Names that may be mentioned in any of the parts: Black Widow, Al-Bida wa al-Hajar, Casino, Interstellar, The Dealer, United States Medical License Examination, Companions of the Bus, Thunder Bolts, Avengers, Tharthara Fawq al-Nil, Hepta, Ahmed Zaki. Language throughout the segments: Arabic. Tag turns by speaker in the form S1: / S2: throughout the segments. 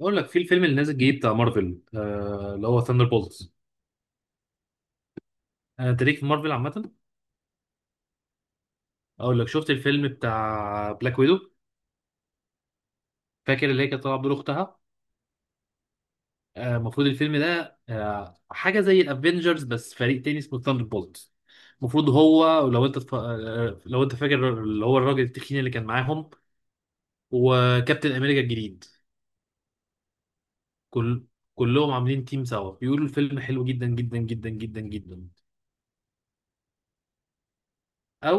S1: اقول لك في الفيلم اللي نازل جديد بتاع مارفل اللي هو ثاندر بولتس. انا تاريخ في مارفل عامه. اقول لك شفت الفيلم بتاع بلاك ويدو؟ فاكر اللي هي كانت طالعه بدور اختها؟ المفروض الفيلم ده حاجه زي الافينجرز بس فريق تاني اسمه ثاندر بولتس. المفروض هو لو انت تف... آه، لو انت فاكر اللي هو الراجل التخين اللي كان معاهم وكابتن امريكا الجديد. كل كلهم عاملين تيم سوا، بيقولوا الفيلم حلو جدا جدا جدا جدا جدا. او.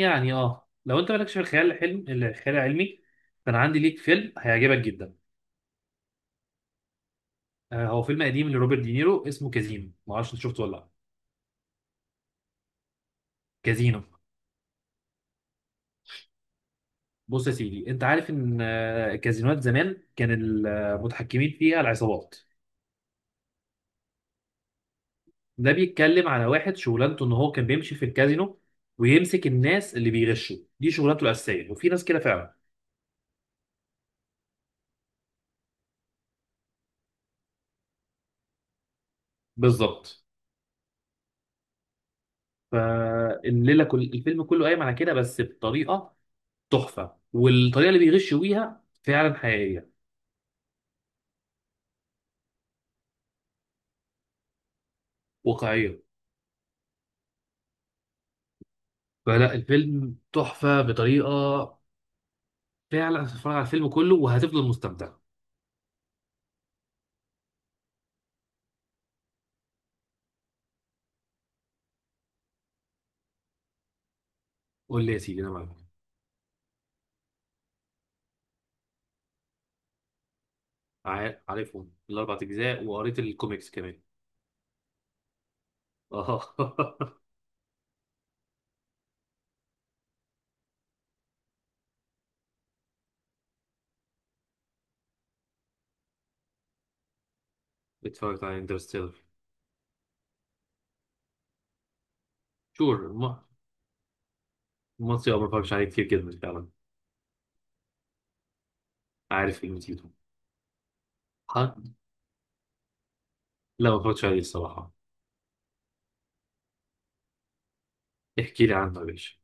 S1: يعني لو انت مالكش في الخيال الحلم الخيال العلمي، فانا عندي ليك فيلم هيعجبك جدا. هو فيلم قديم لروبرت دينيرو اسمه كازينو، ما اعرفش انت شفته ولا لا. كازينو. بص يا سيدي، انت عارف ان الكازينوات زمان كان المتحكمين فيها العصابات. ده بيتكلم على واحد شغلانته ان هو كان بيمشي في الكازينو، ويمسك الناس اللي بيغشوا، دي شغلانته الاساسيه. وفي ناس كده فعلا. بالظبط. فالليله كل الفيلم كله قايم على كده بس بطريقه تحفه، والطريقه اللي بيغشوا بيها فعلا حقيقيه واقعيه. فلا، الفيلم تحفه بطريقه فعلا. هتتفرج على الفيلم كله وهتفضل مستمتع. قول لي يا سيدي، انا معاك. عارفهم الاربع اجزاء وقريت الكوميكس كمان. اه. اتفرجت على انترستيلر. شور ما. المصري ما اتفرجش عليه كتير جدا فعلا. عارف قيمتيته. ها. لا، ما اتفرجتش عليه الصراحه. احكي لي عنه يا باشا.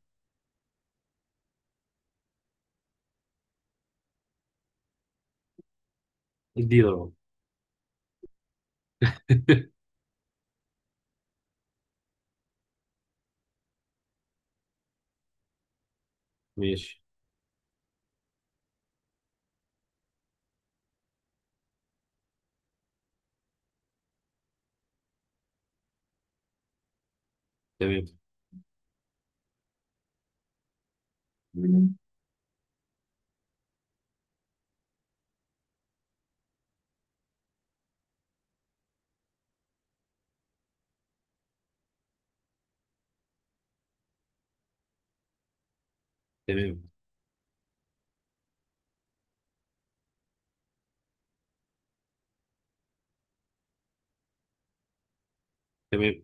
S1: اديله رأي. ماشي. تمام. مم. تمام. تمام.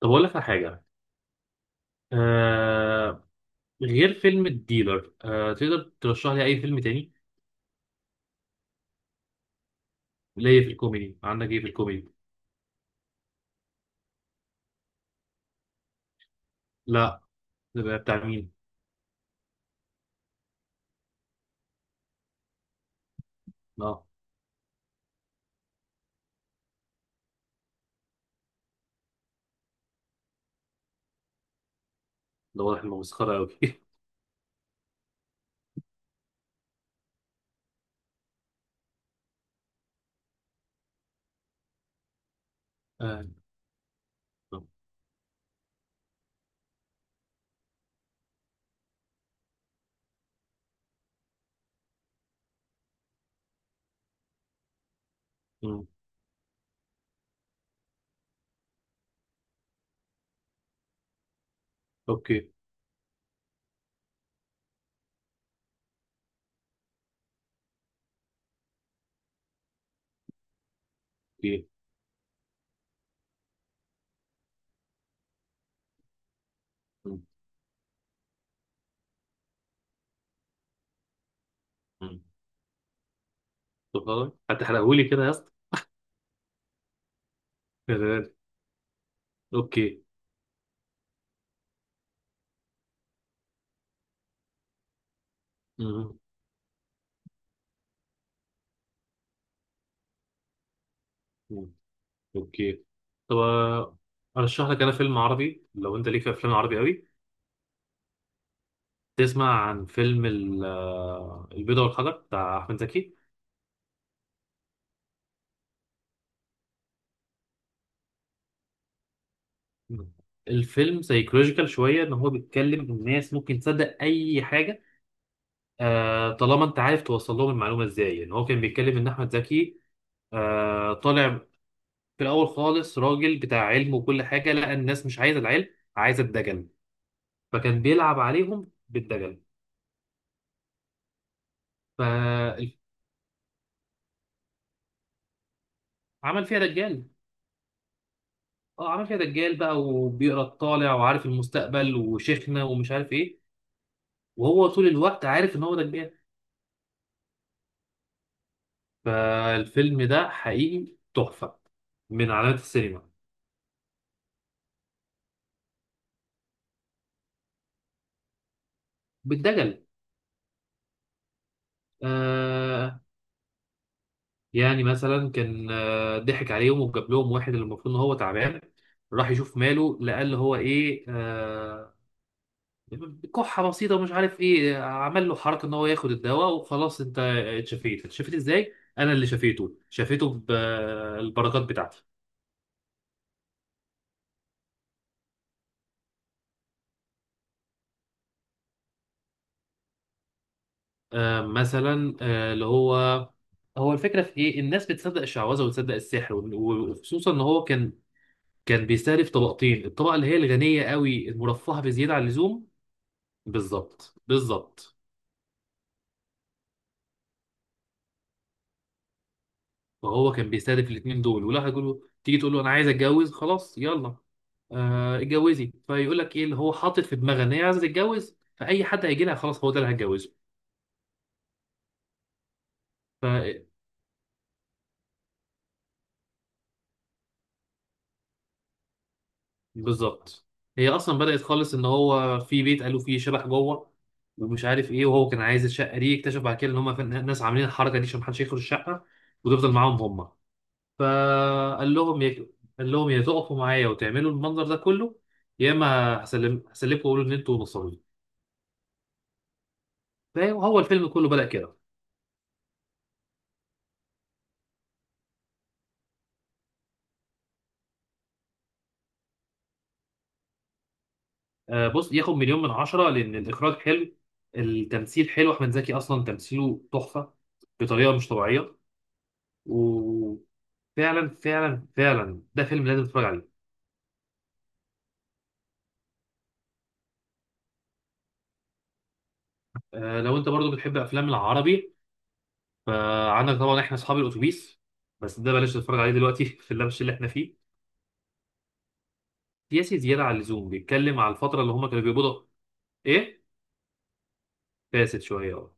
S1: طب اقول لك على حاجه. آه غير فيلم الديلر، تقدر ترشح لي اي فيلم تاني؟ ليا في الكوميدي، عندك ايه في الكوميدي؟ لا. ده بقى بتاع مين؟ لا. ده واضح انه مسخره قوي. آه. مم. اوكي. اوكي. مم. مم. طب خلاص، هتحرقهولي كده يا اسطى؟ يا ساتر. اوكي. مم. مم. اوكي. طب، ارشح لك انا فيلم عربي لو انت ليك في افلام عربي قوي. تسمع عن فيلم البيضة والحجر بتاع احمد زكي؟ الفيلم سايكولوجيكال شويه، ان هو بيتكلم ان الناس ممكن تصدق اي حاجه طالما انت عارف توصل لهم المعلومه ازاي. ان هو كان بيتكلم ان احمد زكي طالع في الاول خالص راجل بتاع علم وكل حاجه. لقى الناس مش عايزه العلم، عايزه الدجل. فكان بيلعب عليهم بالدجل. فعمل فيها دجال. اه، عمل فيها دجال بقى، وبيقرا الطالع وعارف المستقبل وشيخنا ومش عارف ايه. وهو طول الوقت عارف ان هو دجال. فالفيلم ده حقيقي تحفة، من علامات السينما. بالدجل. آه يعني مثلا كان ضحك عليهم وجاب لهم واحد اللي المفروض ان هو تعبان، راح يشوف ماله لقى اللي هو ايه، كحة بسيطة ومش عارف ايه. عمل له حركة ان هو ياخد الدواء وخلاص انت اتشفيت. اتشفيت ازاي؟ انا اللي شفيته شفيته بالبركات بتاعتي. مثلا اللي هو، هو الفكره في ايه، الناس بتصدق الشعوذه وتصدق السحر، وخصوصا ان هو كان بيستهدف طبقتين، الطبقه اللي هي الغنيه قوي المرفهه بزياده عن اللزوم. بالظبط، بالظبط. فهو كان بيستهدف الاثنين دول. ولا هيقول له تيجي تقول له انا عايز اتجوز، خلاص يلا اتجوزي. فيقول لك ايه اللي هو حاطط في دماغه ان هي عايزه تتجوز، فاي حد هيجي لها خلاص هو ده اللي هتجوزه. بالظبط. هي اصلا بدأت خالص ان هو في بيت قالوا فيه شبح جوه ومش عارف ايه. وهو كان عايز الشقه دي، اكتشف بعد كده ان هم ناس عاملين الحركه دي عشان محدش يدخل الشقه وتفضل معاهم هم. فقال لهم يا قال لهم يا تقفوا معايا وتعملوا المنظر ده كله، يا اما هسلمكم واقول ان انتوا نصابين. فهو الفيلم كله بدأ كده. بص، ياخد مليون من عشرة لان الاخراج حلو. التمثيل حلو. احمد زكي اصلا تمثيله تحفه بطريقه مش طبيعيه. فعلا، فعلا، فعلا، ده فيلم لازم تتفرج عليه. لو انت برضو بتحب افلام العربي، فعندك طبعا احنا اصحاب الاتوبيس. بس ده بلاش تتفرج عليه دلوقتي. في اللبش اللي احنا فيه سياسي زياده عن اللزوم، بيتكلم على الفتره اللي هم كانوا بيقبضوا. ايه، فاسد شويه، اه.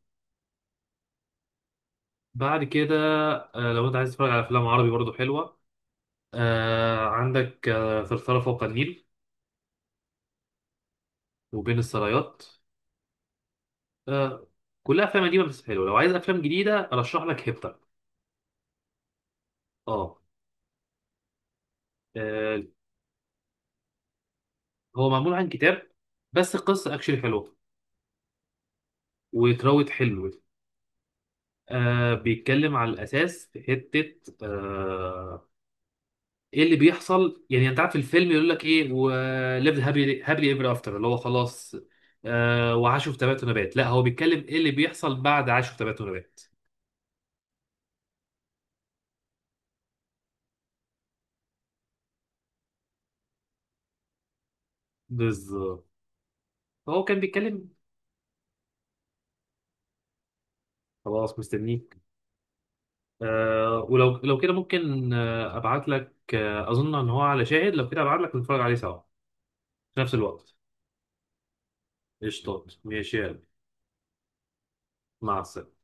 S1: بعد كده، لو انت عايز تتفرج على افلام عربي برضو حلوه، عندك ثرثرة فوق النيل، وبين السرايات. آه كلها افلام قديمه بس حلوه. لو عايز افلام جديده ارشح لك هيبتا. اه. آه، هو معمول عن كتاب، بس القصة اكشلي حلوة واتراوت حلو. بيتكلم على الأساس في حتة، آه ايه اللي بيحصل. يعني انت عارف الفيلم يقول لك ايه، وليفد هابي ايفر افتر، اللي هو خلاص، وعاشوا في تبات ونبات. لا، هو بيتكلم ايه اللي بيحصل بعد عاشوا في تبات ونبات. بالظبط. فهو كان بيتكلم. خلاص، مستنيك. ولو كده ممكن ابعت لك، اظن ان هو على شاهد. لو كده ابعت لك نتفرج عليه سوا في نفس الوقت. قشطات، ماشي، يلا. مع السلامة.